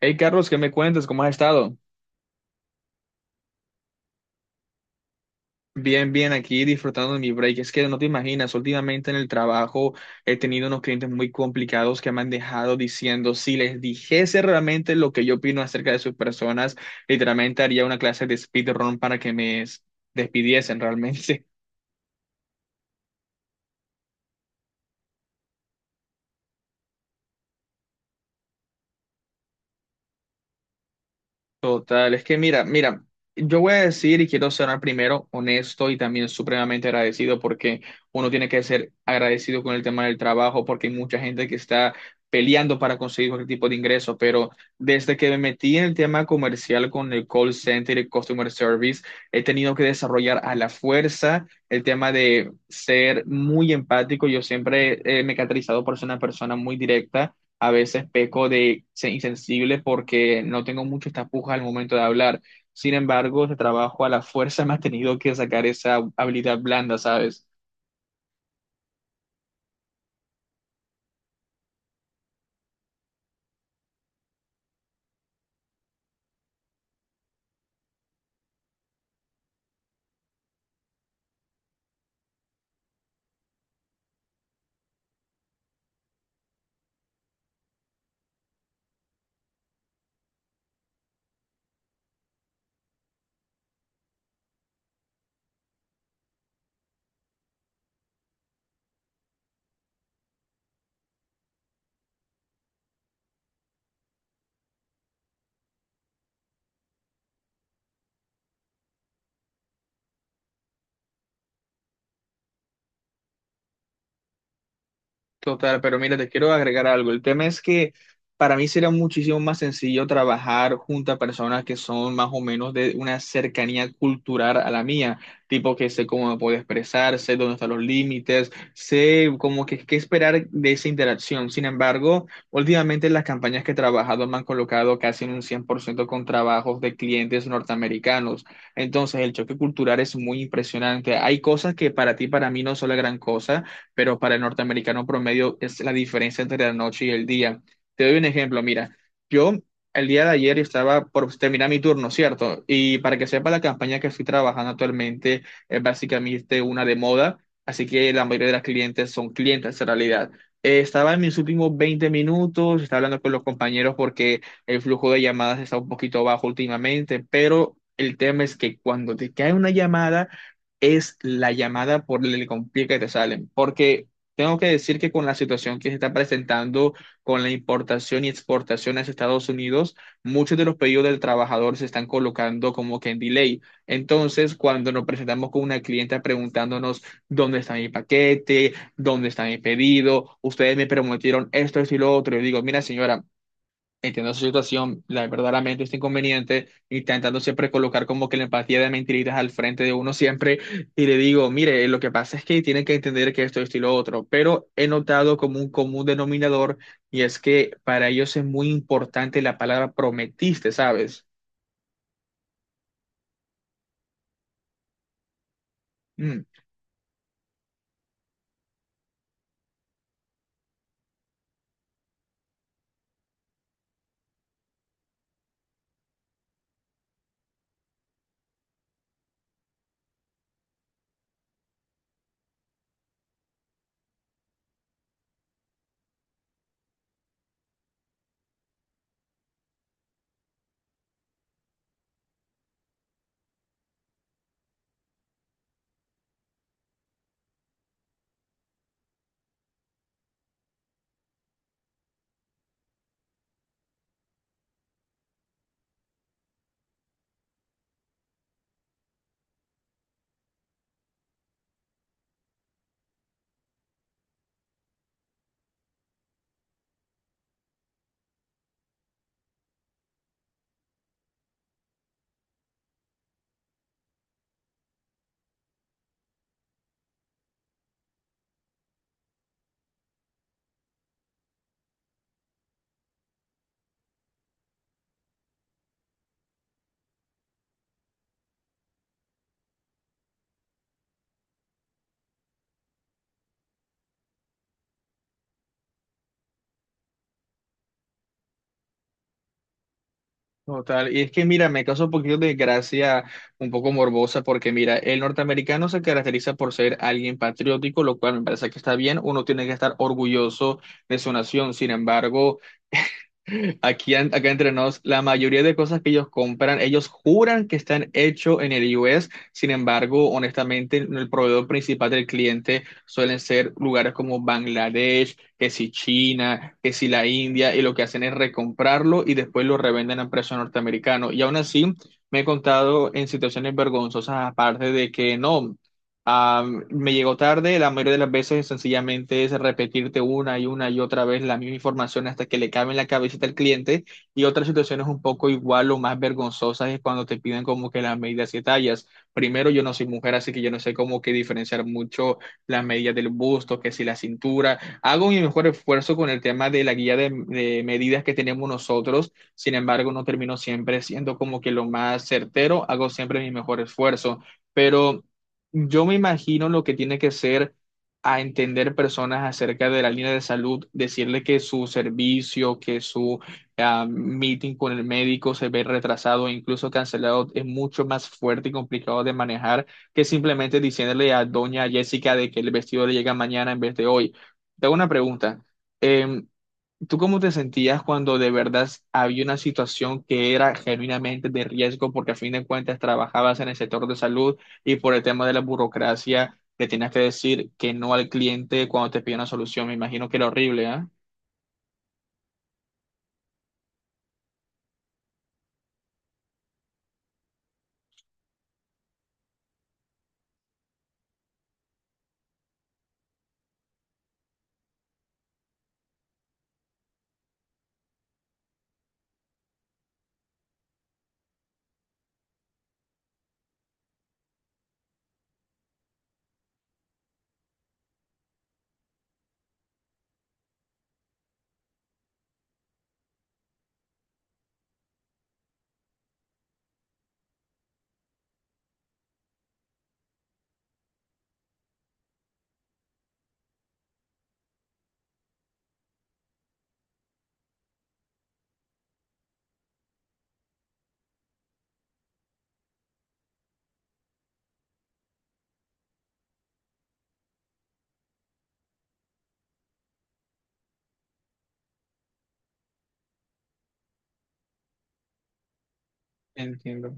Hey Carlos, ¿qué me cuentas? ¿Cómo has estado? Bien, bien, aquí disfrutando de mi break. Es que no te imaginas, últimamente en el trabajo he tenido unos clientes muy complicados que me han dejado diciendo, si les dijese realmente lo que yo opino acerca de sus personas, literalmente haría una clase de speedrun para que me despidiesen realmente. Total, es que mira, mira, yo voy a decir y quiero sonar primero honesto y también supremamente agradecido, porque uno tiene que ser agradecido con el tema del trabajo porque hay mucha gente que está peleando para conseguir cualquier tipo de ingreso, pero desde que me metí en el tema comercial con el call center y customer service, he tenido que desarrollar a la fuerza el tema de ser muy empático. Yo siempre me he caracterizado por ser una persona muy directa, a veces peco de ser insensible porque no tengo mucha tapuja al momento de hablar. Sin embargo, ese trabajo a la fuerza me ha tenido que sacar esa habilidad blanda, ¿sabes? Total, pero mira, te quiero agregar algo. El tema es que para mí sería muchísimo más sencillo trabajar junto a personas que son más o menos de una cercanía cultural a la mía, tipo que sé cómo me puedo expresar, sé dónde están los límites, sé como que qué esperar de esa interacción. Sin embargo, últimamente las campañas que he trabajado me han colocado casi en un 100% con trabajos de clientes norteamericanos. Entonces, el choque cultural es muy impresionante. Hay cosas que para ti, para mí no son la gran cosa, pero para el norteamericano promedio es la diferencia entre la noche y el día. Te doy un ejemplo, mira, yo el día de ayer estaba por terminar mi turno, ¿cierto? Y para que sepa, la campaña que estoy trabajando actualmente es básicamente una de moda, así que la mayoría de las clientes son clientes en realidad. Estaba en mis últimos 20 minutos, estaba hablando con los compañeros porque el flujo de llamadas está un poquito bajo últimamente, pero el tema es que cuando te cae una llamada, es la llamada por el complique que te salen, porque tengo que decir que con la situación que se está presentando con la importación y exportación hacia Estados Unidos, muchos de los pedidos del trabajador se están colocando como que en delay. Entonces, cuando nos presentamos con una clienta preguntándonos dónde está mi paquete, dónde está mi pedido, ustedes me prometieron esto, esto y lo otro, yo digo, mira señora, entiendo su situación, verdaderamente este inconveniente, intentando siempre colocar como que la empatía de mentiritas al frente de uno siempre, y le digo, mire, lo que pasa es que tienen que entender que esto y lo otro, pero he notado como un común denominador, y es que para ellos es muy importante la palabra prometiste, ¿sabes? Mm. Total, y es que mira, me causa un poquito de gracia, un poco morbosa, porque mira, el norteamericano se caracteriza por ser alguien patriótico, lo cual me parece que está bien, uno tiene que estar orgulloso de su nación. Sin embargo, aquí, acá entre nos, la mayoría de cosas que ellos compran, ellos juran que están hechos en el U. S., sin embargo, honestamente, el proveedor principal del cliente suelen ser lugares como Bangladesh, que si China, que si la India, y lo que hacen es recomprarlo y después lo revenden a precio norteamericano. Y aún así, me he contado en situaciones vergonzosas, aparte de que no. Me llegó tarde, la mayoría de las veces sencillamente es repetirte una y otra vez la misma información hasta que le cabe en la cabecita al cliente. Y otras situaciones un poco igual o más vergonzosas es cuando te piden como que las medidas y tallas. Primero, yo no soy mujer, así que yo no sé cómo que diferenciar mucho las medidas del busto, que si la cintura. Hago mi mejor esfuerzo con el tema de la guía de medidas que tenemos nosotros. Sin embargo, no termino siempre siendo como que lo más certero, hago siempre mi mejor esfuerzo. Pero yo me imagino lo que tiene que ser a entender personas acerca de la línea de salud, decirle que su servicio, que su meeting con el médico se ve retrasado o incluso cancelado, es mucho más fuerte y complicado de manejar que simplemente diciéndole a doña Jessica de que el vestido le llega mañana en vez de hoy. Te hago una pregunta. em, ¿Tú cómo te sentías cuando de verdad había una situación que era genuinamente de riesgo porque a fin de cuentas trabajabas en el sector de salud y por el tema de la burocracia le tenías que decir que no al cliente cuando te pide una solución? Me imagino que era horrible, ¿ah? Entiendo.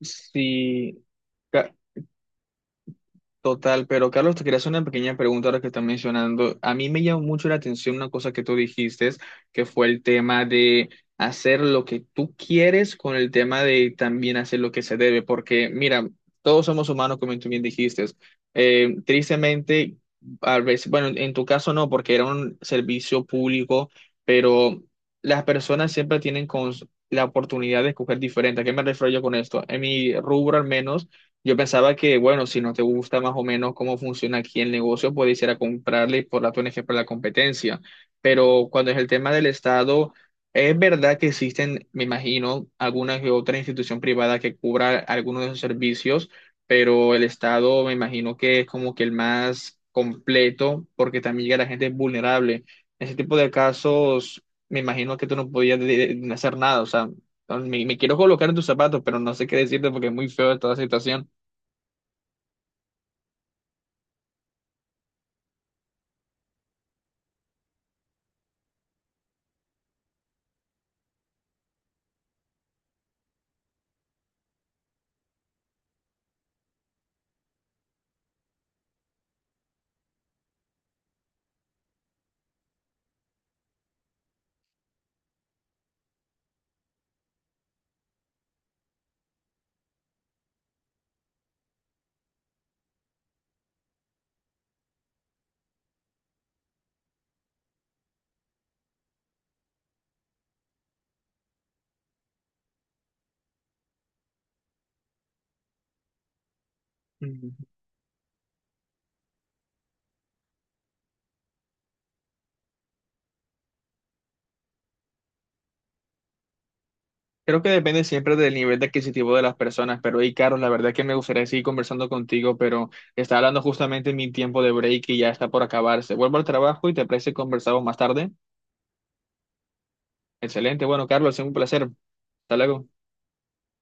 Sí, total, pero Carlos, te quería hacer una pequeña pregunta ahora que estás mencionando. A mí me llamó mucho la atención una cosa que tú dijiste, que fue el tema de hacer lo que tú quieres con el tema de también hacer lo que se debe, porque mira, todos somos humanos, como tú bien dijiste. Tristemente, a veces, bueno, en tu caso no, porque era un servicio público, pero las personas siempre tienen la oportunidad de escoger diferente. ¿A qué me refiero yo con esto? En mi rubro al menos. Yo pensaba que, bueno, si no te gusta más o menos cómo funciona aquí el negocio, puedes ir a comprarle y por la ONG para la competencia. Pero cuando es el tema del Estado, es verdad que existen, me imagino, alguna que otra institución privada que cubra algunos de esos servicios, pero el Estado me imagino que es como que el más completo porque también llega a la gente vulnerable. En ese tipo de casos, me imagino que tú no podías hacer nada. O sea, no, me quiero colocar en tus zapatos, pero no sé qué decirte porque es muy feo toda la situación. Mm. Creo que depende siempre del nivel de adquisitivo de las personas, pero hey, Carlos, la verdad es que me gustaría seguir conversando contigo, pero está hablando justamente mi tiempo de break y ya está por acabarse. Vuelvo al trabajo y te parece que conversamos más tarde. Excelente, bueno, Carlos, es un placer. Hasta luego.